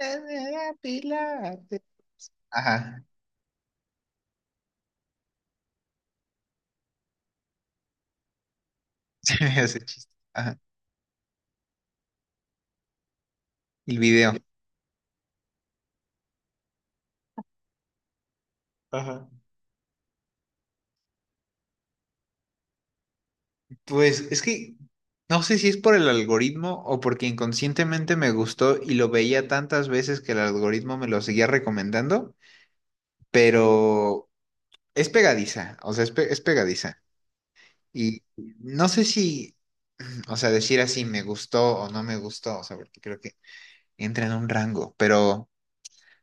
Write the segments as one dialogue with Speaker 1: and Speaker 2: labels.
Speaker 1: Pilates. Ajá, se me hace chiste. Ajá, el video. Ajá. Pues es que no sé si es por el algoritmo o porque inconscientemente me gustó y lo veía tantas veces que el algoritmo me lo seguía recomendando, pero es pegadiza, o sea, es pegadiza. Y no sé si, o sea, decir así me gustó o no me gustó, o sea, porque creo que entra en un rango, pero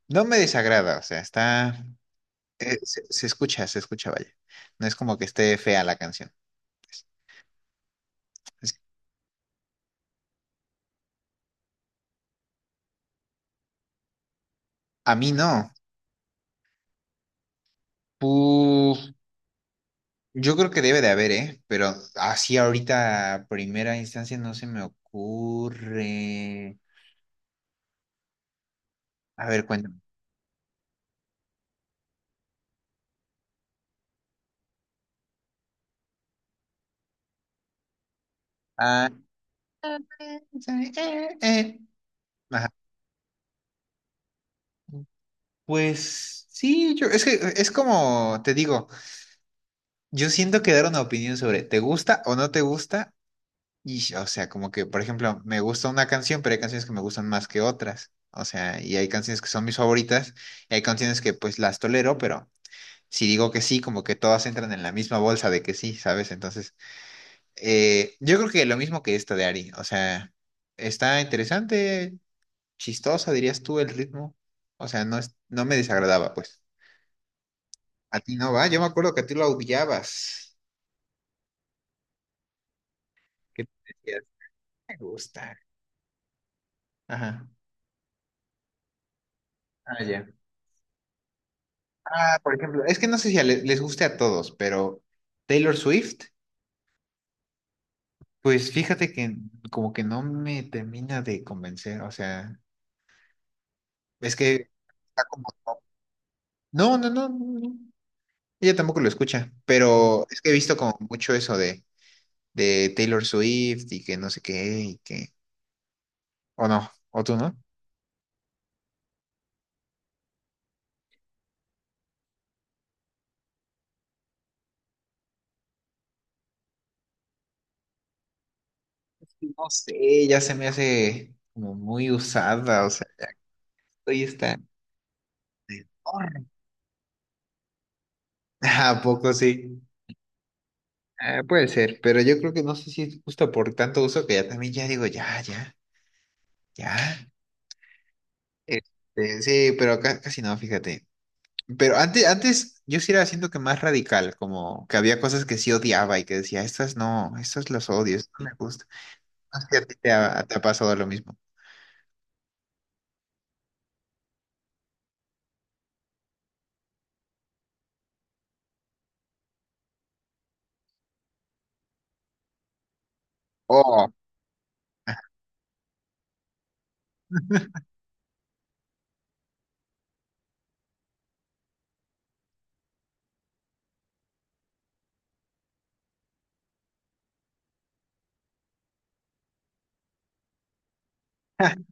Speaker 1: no me desagrada, o sea, está. Se escucha, vaya. No es como que esté fea la canción. Pues. Es- a mí no. Pu- yo creo que debe de haber, ¿eh? Pero así ahorita, a primera instancia, no se me ocurre. A ver, cuéntame. Ah, eh, eh, eh. Ajá. Pues sí, yo, es que es como te digo, yo siento que dar una opinión sobre te gusta o no te gusta. Y, o sea, como que, por ejemplo, me gusta una canción, pero hay canciones que me gustan más que otras. O sea, y hay canciones que son mis favoritas, y hay canciones que pues las tolero, pero si digo que sí, como que todas entran en la misma bolsa de que sí, ¿sabes? Entonces, yo creo que lo mismo que esta de Ari. O sea, está interesante, chistosa, dirías tú, el ritmo. O sea, no me desagradaba, pues. A ti no va, yo me acuerdo que a ti lo odiabas. Que te decías, me gusta. Ajá. Ah, ya. Ah, por ejemplo, es que no sé si les guste a todos, pero Taylor Swift, pues fíjate que como que no me termina de convencer, o sea, es que está como... No, no, no, no, no. Ella tampoco lo escucha, pero es que he visto como mucho eso de Taylor Swift y que no sé qué, y que... O no, o tú no. No sé, ya se me hace como muy usada, o sea, hoy está... enorme. ¿A poco sí? Ah, puede ser, pero yo creo que no sé si es justo por tanto uso que ya también ya digo, ya, ya, ya. Este, sí, pero acá casi no, fíjate. Pero antes, antes yo sí era, siento que más radical, como que había cosas que sí odiaba y que decía, estas no, estas las odio, estas no me gustan. No sé si a ti te ha pasado lo mismo. Oh.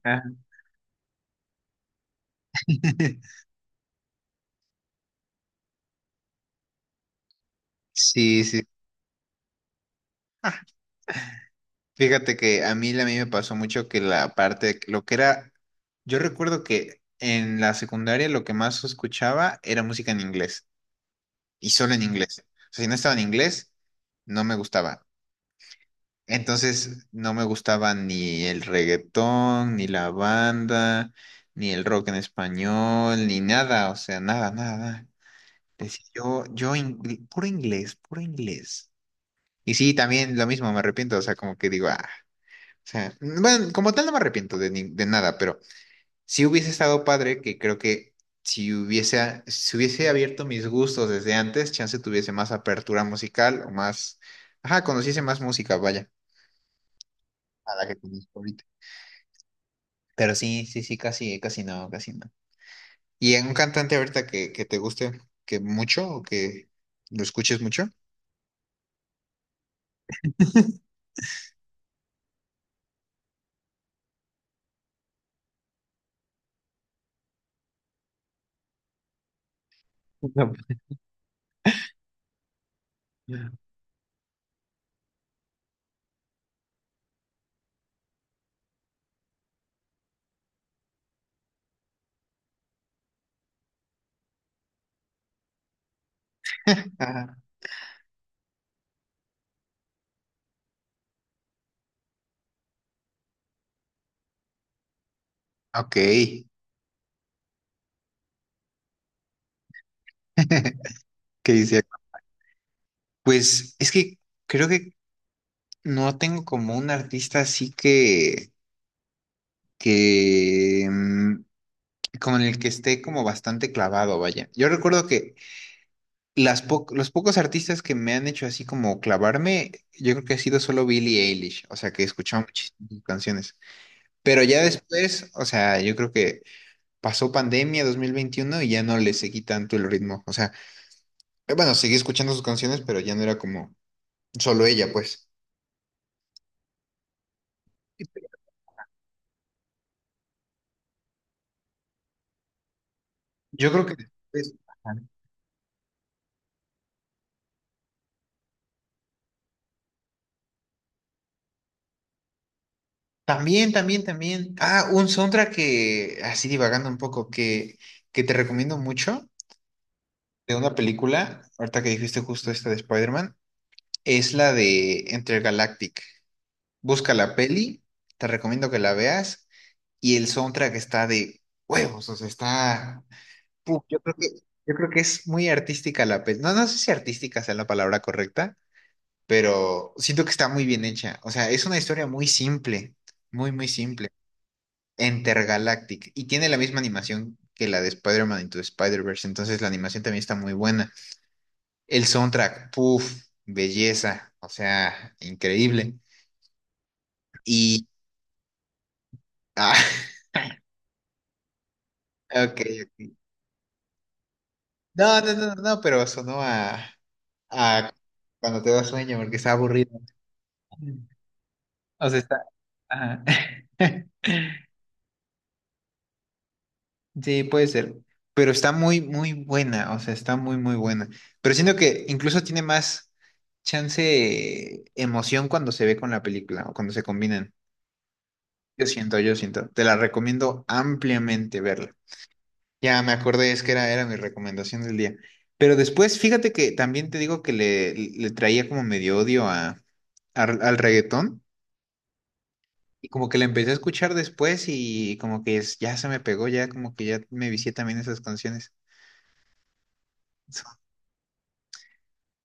Speaker 1: Ajá. Sí, sí. Ah, fíjate que a mí me pasó mucho que la parte, de que lo que era, yo recuerdo que en la secundaria lo que más escuchaba era música en inglés. Y solo en inglés. O sea, si no estaba en inglés, no me gustaba. Entonces, no me gustaba ni el reggaetón, ni la banda, ni el rock en español, ni nada, o sea, nada, nada, nada. Decía, yo, puro inglés, puro inglés. Y sí, también lo mismo, me arrepiento, o sea, como que digo, ah, o sea, bueno, como tal no me arrepiento de, de nada, pero si hubiese estado padre, que creo que si hubiese abierto mis gustos desde antes, chance tuviese más apertura musical o más, ajá, conociese más música, vaya, a la que conozco ahorita. Pero sí, sí, sí, casi, casi no, casi no. ¿Y en un cantante ahorita que te guste que mucho o que lo escuches mucho? No. Ajá. Ok. ¿Qué dice? Pues es que creo que no tengo como un artista así que como en el que esté como bastante clavado, vaya. Yo recuerdo que los pocos artistas que me han hecho así como clavarme, yo creo que ha sido solo Billie Eilish, o sea, que he escuchado muchísimas sus canciones. Pero ya después, o sea, yo creo que pasó pandemia 2021 y ya no le seguí tanto el ritmo. O sea, bueno, seguí escuchando sus canciones, pero ya no era como solo ella, pues. Yo creo que después- ajá. También, también, también. Ah, un soundtrack que, así divagando un poco, que te recomiendo mucho. De una película, ahorita que dijiste justo esta de Spider-Man, es la de Intergalactic. Busca la peli, te recomiendo que la veas, y el soundtrack está de huevos, o sea, está... Uf, yo creo que es muy artística la peli. No, no sé si artística sea la palabra correcta, pero siento que está muy bien hecha. O sea, es una historia muy simple, muy, muy simple. Intergalactic, y tiene la misma animación que la de Spider-Man Into the Spider-Verse, entonces la animación también está muy buena. El soundtrack, puff belleza, o sea, increíble. Y, ah, ok. No, no, no, no, pero sonó a cuando te da sueño porque está aburrido. O sea, está, ajá. Sí, puede ser, pero está muy, muy buena, o sea, está muy, muy buena. Pero siento que incluso tiene más chance, emoción cuando se ve con la película o cuando se combinan. Yo siento, yo siento. Te la recomiendo ampliamente verla. Ya me acordé, es que era mi recomendación del día. Pero después, fíjate que también te digo que le traía como medio odio al reggaetón y como que la empecé a escuchar después y como que ya se me pegó, ya como que ya me vicié también esas canciones.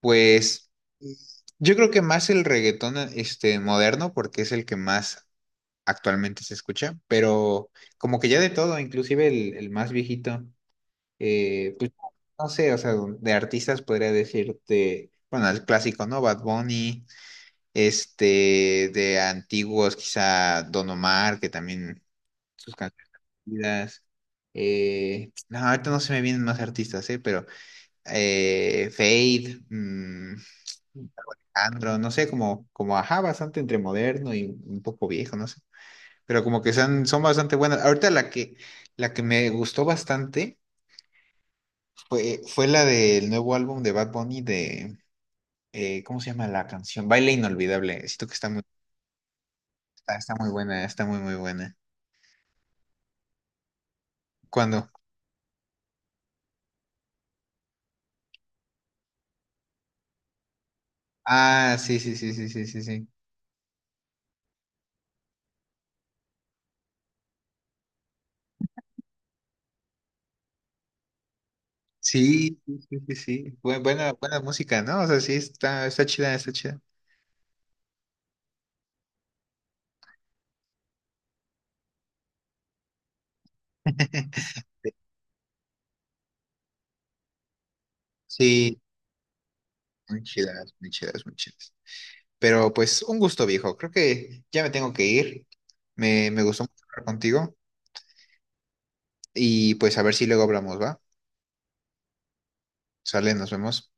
Speaker 1: Pues yo creo que más el reggaetón este moderno porque es el que más actualmente se escucha, pero como que ya de todo, inclusive el más viejito. Pues, no sé, o sea, de artistas podría decirte, bueno, el clásico, ¿no? Bad Bunny, este, de antiguos, quizá Don Omar, que también sus canciones. No, ahorita no se me vienen más artistas, ¿eh? Pero Fade, Alejandro, no sé, como, como ajá, bastante entre moderno y un poco viejo, no sé. Pero como que son, son bastante buenas. Ahorita la que me gustó bastante. Fue la del nuevo álbum de Bad Bunny de, ¿cómo se llama la canción? Baile Inolvidable. Siento que está muy, está, está muy buena, está muy, muy buena. ¿Cuándo? Ah, sí, sí, sí, sí, sí, sí, sí. Sí, sí, sí, sí, sí. Buena, buena música, ¿no? O sea, sí, está, está chida, está chida. Sí, muy chidas, muy chidas, muy chidas. Pero pues un gusto, viejo. Creo que ya me tengo que ir. Me gustó mucho hablar contigo. Y pues a ver si luego hablamos, ¿va? Sale, nos vemos.